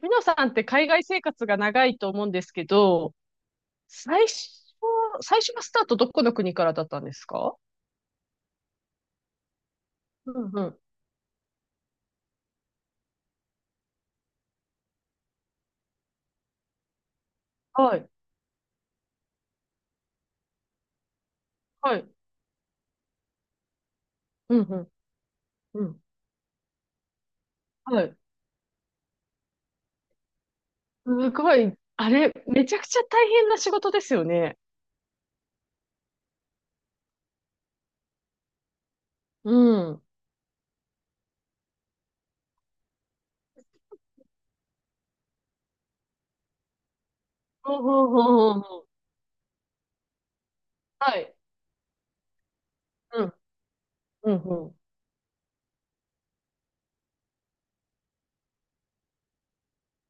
みのさんって海外生活が長いと思うんですけど、最初、最初のスタートどこの国からだったんですか？うんうん。はい。はい。うんうん。うん。はい。すごい。あれ、めちゃくちゃ大変な仕事ですよね。うん。ほうほうほうほうほう。はい。うん。うんうん。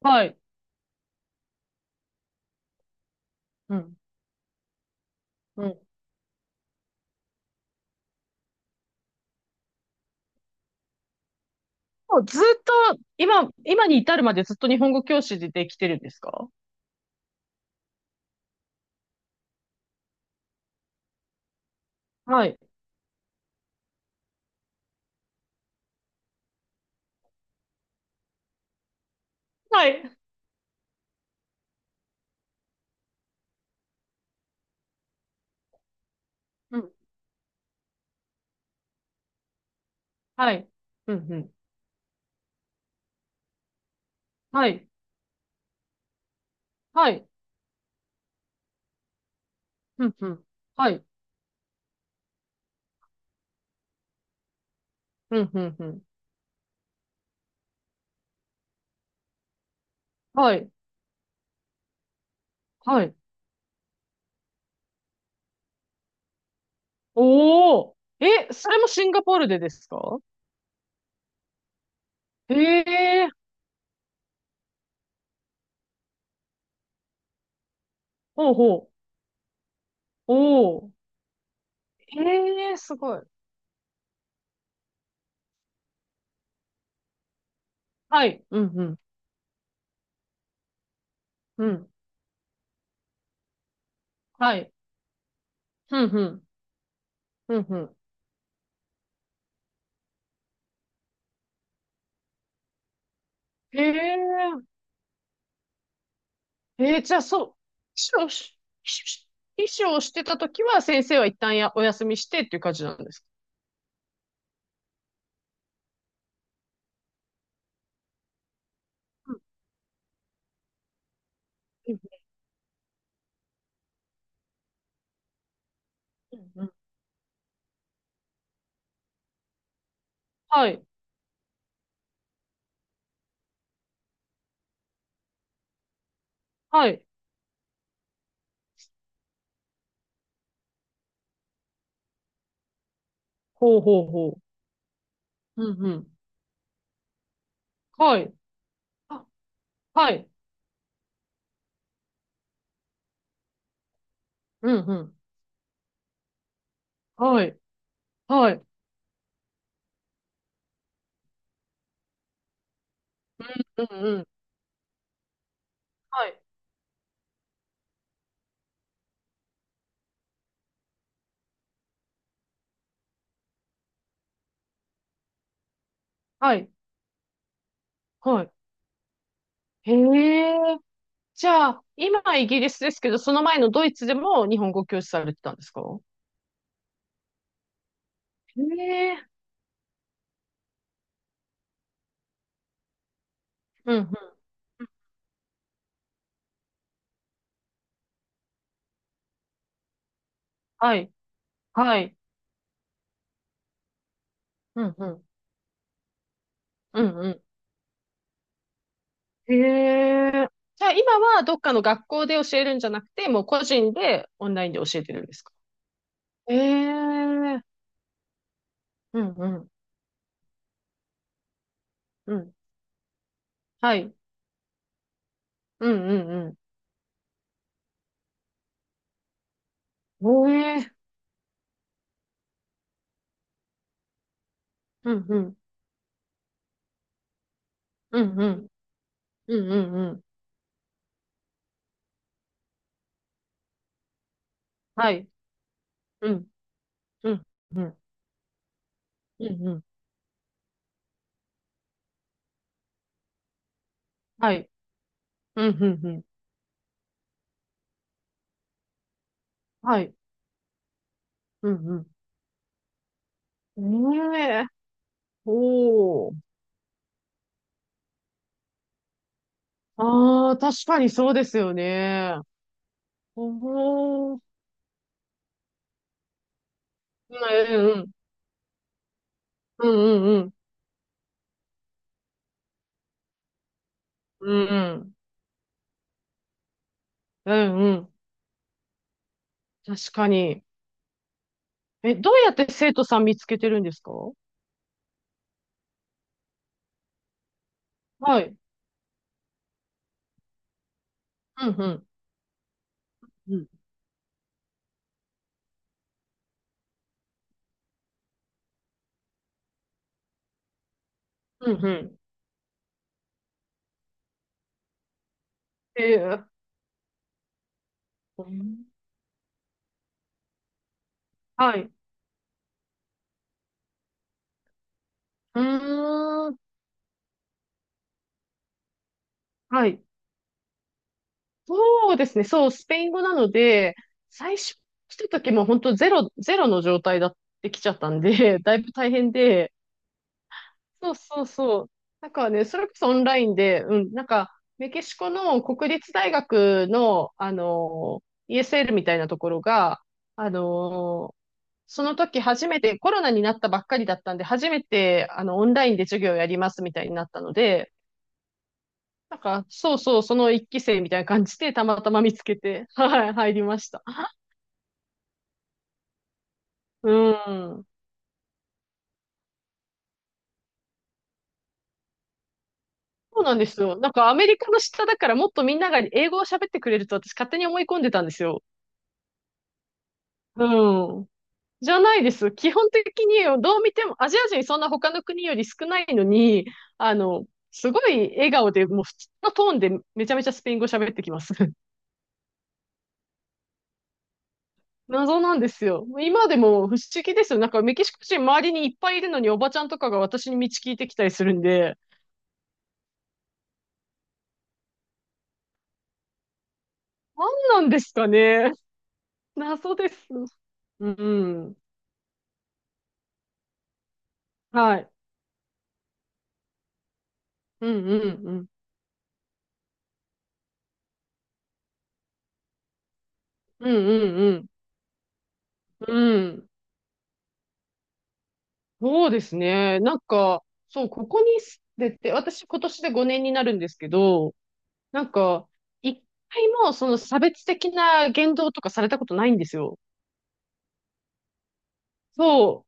はい。うん。うん。もうずっと、今に至るまでずっと日本語教師で来てるんですか？はい。はい。うん。はい。うんうん。はい。はい。うんうん。はい。うんうんうん。はい。はい。おお。え、それもシンガポールでですか？へえ。ほうほう。おお。へえ、すごい。はい。うんうん。うん。はい。ふんふん。ふんふん。へえ。じゃあそう。秘書し、秘書をしてたときは先生は一旦やお休みしてっていう感じなんですか？うんうんうんうんはい。はい。ほうほうほう。うんうん。はい。あ、はい。うんうん。はい、はい、うんうん、はい、はい、はい。へえ、じゃあ、今はイギリスですけど、その前のドイツでも日本語教師されてたんですか？へえ、うんうん、はい、はい、うんうん、うんうん。へえ、じゃあ今はどっかの学校で教えるんじゃなくて、もう個人でオンラインで教えてるんですか？へえ、うんうん、うん、はい、うんうんうん。へえ、うんうん、うんうん、うんうんうん。はい、うん、うん。うんうんうん。はい。うんうんうん。はい。うんうん。ねえ。おー。ああ、確かにそうですよね。おー。うんうんうん。うんうん。うんうん。うんうん。確かに。え、どうやって生徒さん見つけてるんですかはい。うんうん。うん。うんうん。えーうんはい。うーん。はい。そうですね。そう、スペイン語なので、最初来た時も本当ゼロの状態だって来ちゃったんで、だいぶ大変で、そうそうそう。なんかね、それこそオンラインで、うん、なんか、メキシコの国立大学の、あの、ESL みたいなところが、あの、その時初めて、コロナになったばっかりだったんで、初めて、あの、オンラインで授業をやりますみたいになったので、なんか、そうそう、その一期生みたいな感じで、たまたま見つけて、はい、入りました。うん。そうなんですよ。なんかアメリカの下だからもっとみんなが英語を喋ってくれると私勝手に思い込んでたんですよ。うん。じゃないです。基本的にどう見てもアジア人そんな他の国より少ないのに、あの、すごい笑顔でもう普通のトーンでめちゃめちゃスペイン語喋ってきます。謎なんですよ。今でも不思議ですよ。なんかメキシコ人周りにいっぱいいるのにおばちゃんとかが私に道聞いてきたりするんで、何なんですかね。謎です。うん。はい。うんうんうん。うんうんうん。うん。そうですね。なんか、そう、ここに住んでて、私今年で5年になるんですけど、なんか、一回もその差別的な言動とかされたことないんですよ。そ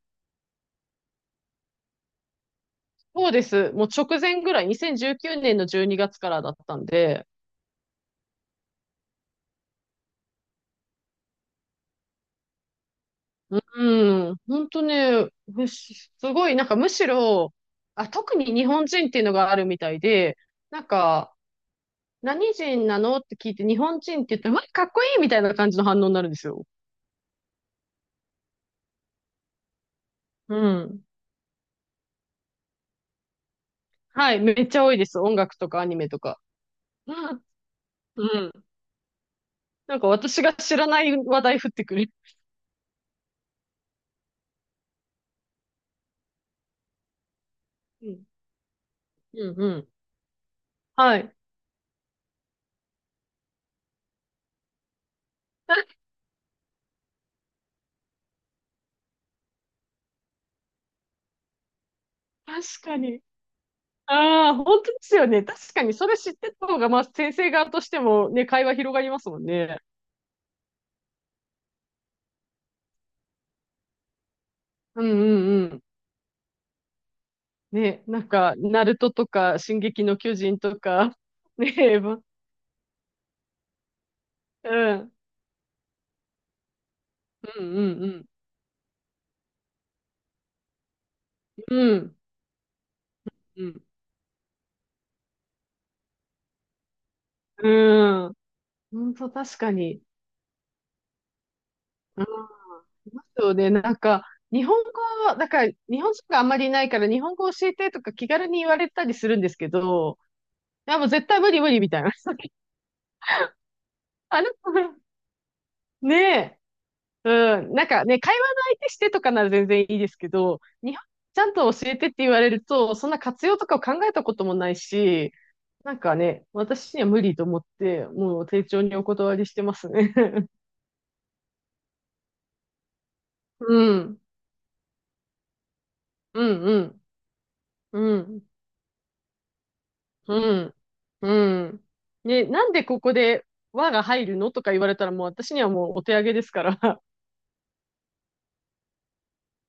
う、そうです。もう直前ぐらい、2019年の12月からだったんで、うん、本当ね、むしすごい、なんかむしろ、あ、特に日本人っていうのがあるみたいで、なんか、何人なのって聞いて、日本人って言ったら、うわ、かっこいいみたいな感じの反応になるんですよ。うん。はい、めっちゃ多いです。音楽とかアニメとか。うんうん。なんか私が知らない話題降ってくる。うん。うんうん。はい。確かに。ああ、本当ですよね。確かに、それ知ってた方が、まあ、先生側としてもね、会話広がりますもんね。うんうんうん。ね、なんか、ナルトとか、進撃の巨人とか、ねえ、うん、うんうんうん。うん、うん。うん。本当確かに。うん。そうで、なんか、日本語は、だから、日本人があんまりいないから、日本語教えてとか気軽に言われたりするんですけど、いや、もう絶対無理無理みたいな。あれねえ。うん。なんかね、会話の相手してとかなら全然いいですけど、ちゃんと教えてって言われると、そんな活用とかを考えたこともないし、なんかね、私には無理と思って、もう丁重にお断りしてますね。うん。うんうん。うん。うん。うん。ね、なんでここで和が入るのとか言われたらもう私にはもうお手上げですから。